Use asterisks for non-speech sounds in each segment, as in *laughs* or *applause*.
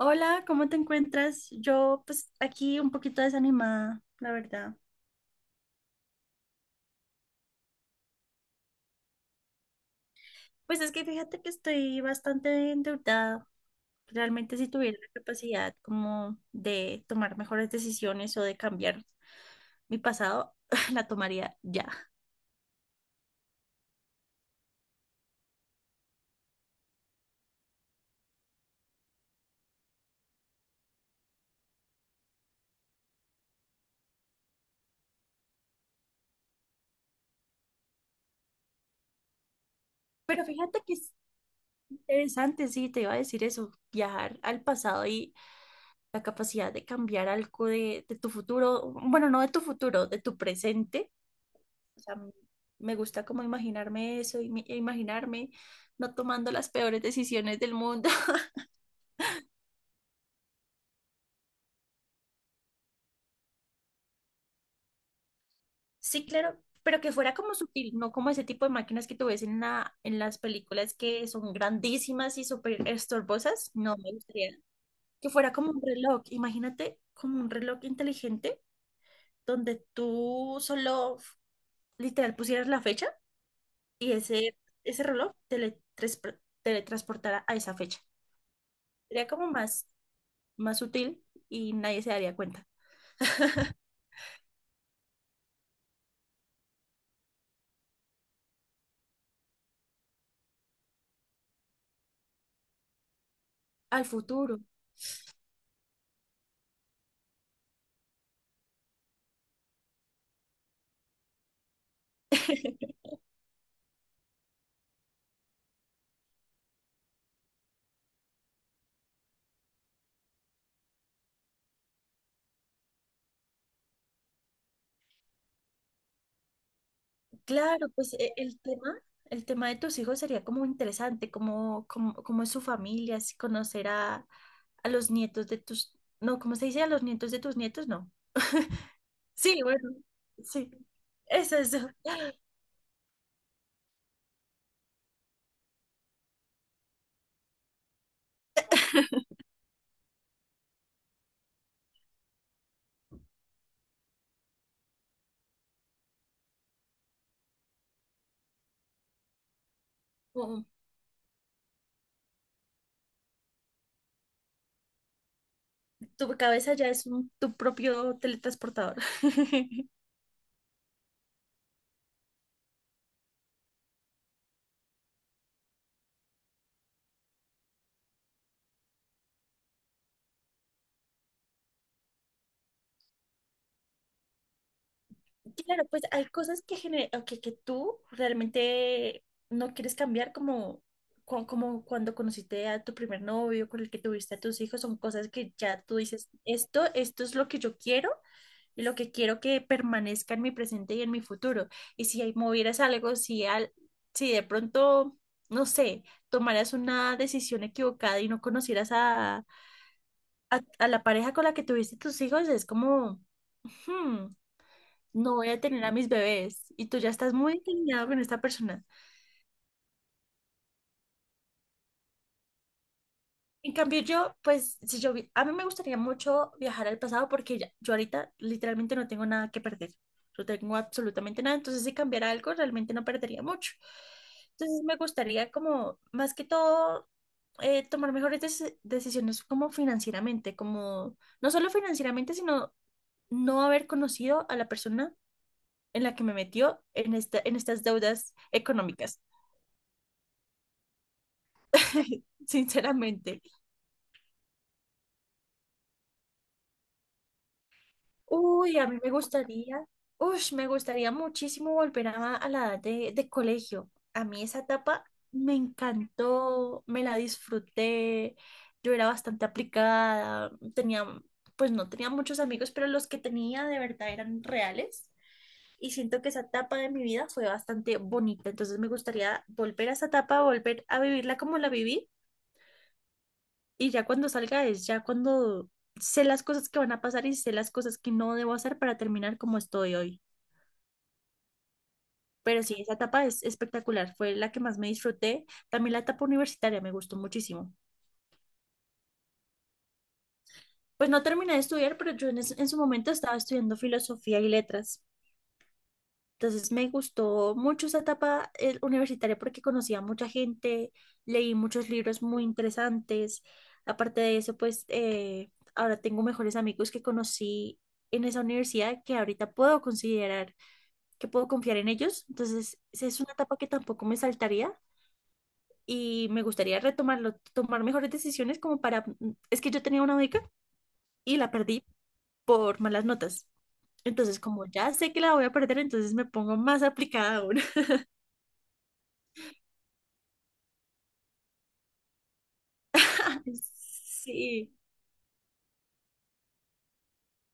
Hola, ¿cómo te encuentras? Yo pues aquí un poquito desanimada, la verdad. Pues es que fíjate que estoy bastante endeudada. Realmente si tuviera la capacidad como de tomar mejores decisiones o de cambiar mi pasado, *laughs* la tomaría ya. Pero fíjate que es interesante, sí, te iba a decir eso, viajar al pasado y la capacidad de cambiar algo de tu futuro, bueno, no de tu futuro, de tu presente. O sea, me gusta como imaginarme eso e imaginarme no tomando las peores decisiones del mundo. *laughs* Sí, claro, pero que fuera como sutil, no como ese tipo de máquinas que tú ves en en las películas que son grandísimas y súper estorbosas. No me gustaría que fuera como un reloj. Imagínate como un reloj inteligente donde tú solo literal pusieras la fecha y ese reloj teletransportara a esa fecha. Sería como más sutil y nadie se daría cuenta. Al futuro. Claro, pues el tema de tus hijos sería como interesante, como, como es su familia, si conocer a los nietos de tus, no, ¿cómo se dice? A los nietos de tus nietos, no. *laughs* Sí, bueno, sí, eso es. Como tu cabeza ya es tu propio teletransportador. *laughs* Claro, pues hay cosas que, que tú realmente no quieres cambiar, como, como cuando conociste a tu primer novio, con el que tuviste a tus hijos, son cosas que ya tú dices, esto es lo que yo quiero y lo que quiero que permanezca en mi presente y en mi futuro. Y si ahí movieras algo, si, al, si de pronto, no sé, tomaras una decisión equivocada y no conocieras a la pareja con la que tuviste tus hijos, es como no voy a tener a mis bebés y tú ya estás muy encariñado con esta persona. En cambio, yo, pues, si yo, vi- a mí me gustaría mucho viajar al pasado porque yo ahorita literalmente no tengo nada que perder. No tengo absolutamente nada. Entonces, si cambiara algo, realmente no perdería mucho. Entonces, me gustaría como, más que todo, tomar mejores decisiones como financieramente, como, no solo financieramente, sino no haber conocido a la persona en la que me metió en en estas deudas económicas. *laughs* Sinceramente. Uy, a mí me gustaría, uy, me gustaría muchísimo volver a la edad de colegio. A mí esa etapa me encantó, me la disfruté, yo era bastante aplicada, tenía, pues no tenía muchos amigos, pero los que tenía de verdad eran reales. Y siento que esa etapa de mi vida fue bastante bonita, entonces me gustaría volver a esa etapa, volver a vivirla como la viví. Y ya cuando salga es ya cuando sé las cosas que van a pasar y sé las cosas que no debo hacer para terminar como estoy hoy. Pero sí, esa etapa es espectacular, fue la que más me disfruté. También la etapa universitaria me gustó muchísimo. Pues no terminé de estudiar, pero yo en su momento estaba estudiando filosofía y letras. Entonces me gustó mucho esa etapa universitaria porque conocí a mucha gente, leí muchos libros muy interesantes. Aparte de eso, pues ahora tengo mejores amigos que conocí en esa universidad que ahorita puedo considerar que puedo confiar en ellos. Entonces esa es una etapa que tampoco me saltaría y me gustaría retomarlo, tomar mejores decisiones como para... es que yo tenía una beca y la perdí por malas notas. Entonces, como ya sé que la voy a perder, entonces me pongo más aplicada aún. Sí,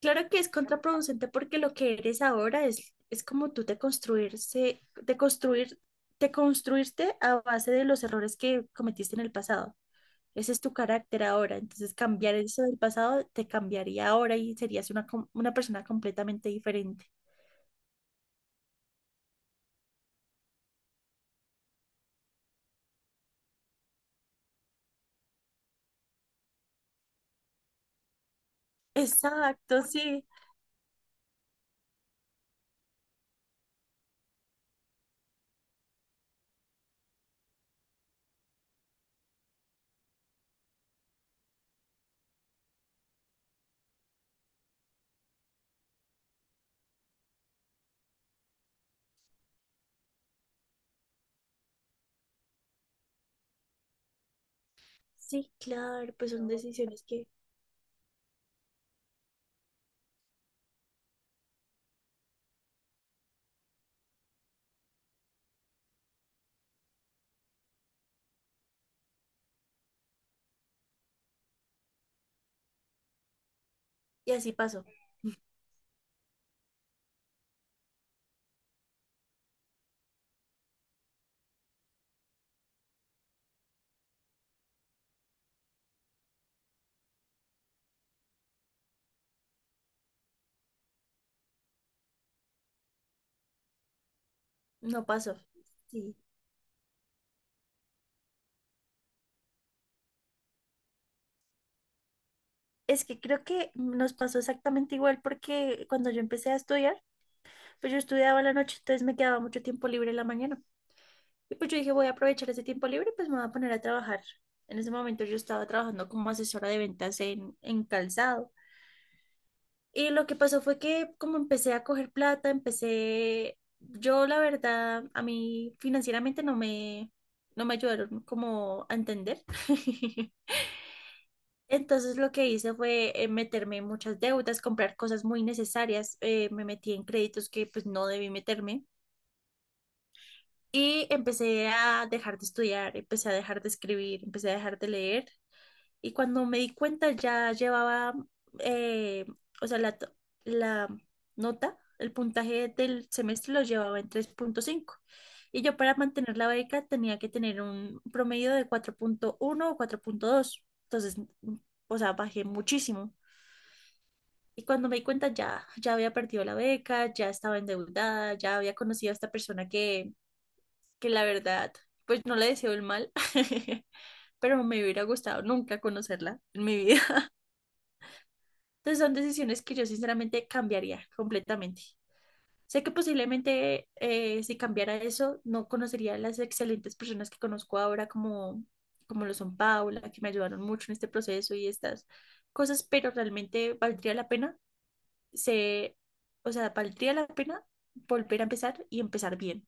claro que es contraproducente porque lo que eres ahora es como tú te construirse, te construir, te construirte a base de los errores que cometiste en el pasado. Ese es tu carácter ahora. Entonces cambiar eso del pasado te cambiaría ahora y serías una persona completamente diferente. Exacto, sí. Sí, claro, pues son decisiones que... Y así pasó, no pasó. Sí. Es que creo que nos pasó exactamente igual porque cuando yo empecé a estudiar, pues yo estudiaba la noche, entonces me quedaba mucho tiempo libre en la mañana. Y pues yo dije, voy a aprovechar ese tiempo libre, pues me voy a poner a trabajar. En ese momento yo estaba trabajando como asesora de ventas en calzado. Y lo que pasó fue que como empecé a coger plata, empecé, yo la verdad, a mí financieramente no me ayudaron como a entender. *laughs* Entonces lo que hice fue meterme en muchas deudas, comprar cosas muy necesarias, me metí en créditos que pues no debí meterme. Y empecé a dejar de estudiar, empecé a dejar de escribir, empecé a dejar de leer. Y cuando me di cuenta ya llevaba, eh, o sea, la, to- la nota, el puntaje del semestre lo llevaba en 3,5. Y yo para mantener la beca tenía que tener un promedio de 4,1 o 4,2. Entonces, o sea, bajé muchísimo. Y cuando me di cuenta ya había perdido la beca, ya estaba endeudada, ya había conocido a esta persona que la verdad, pues no le deseo el mal, *laughs* pero me hubiera gustado nunca conocerla en mi vida. *laughs* Entonces son decisiones que yo sinceramente cambiaría completamente. Sé que posiblemente si cambiara eso, no conocería a las excelentes personas que conozco ahora, como, como lo son Paula, que me ayudaron mucho en este proceso y estas cosas, pero realmente valdría la pena, se, valdría la pena volver a empezar y empezar bien.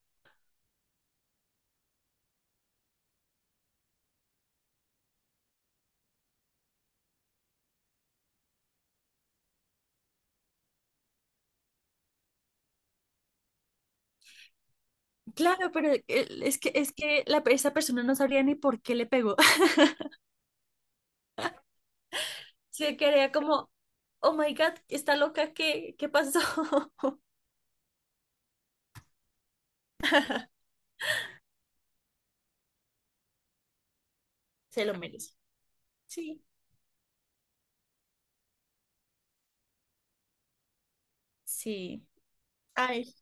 Claro, pero es que esa persona no sabría ni por qué le pegó. *laughs* Se quedaría como, oh my God, está loca, qué pasó? *laughs* Se lo merece. Sí, sí. Ay,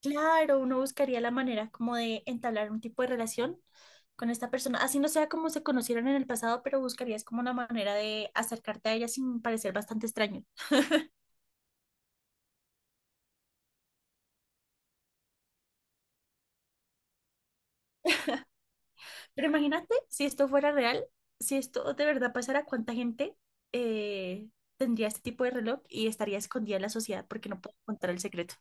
claro, uno buscaría la manera como de entablar un tipo de relación con esta persona. Así no sea como se conocieron en el pasado, pero buscarías como una manera de acercarte a ella sin parecer bastante extraño. Pero imagínate si esto fuera real, si esto de verdad pasara, ¿cuánta gente eh, tendría este tipo de reloj y estaría escondida en la sociedad porque no puede contar el secreto?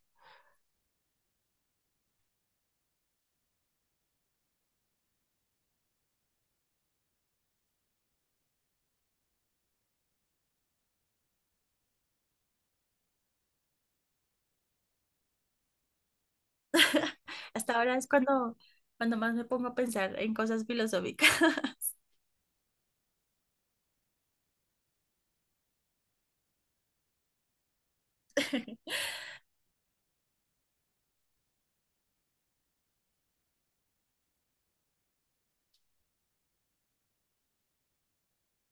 Hasta ahora es cuando, cuando más me pongo a pensar en cosas filosóficas. *laughs*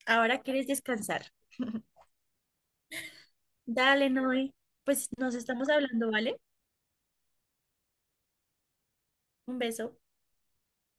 Ahora quieres descansar. *laughs* Dale, Noé. Pues nos estamos hablando, ¿vale? Un beso.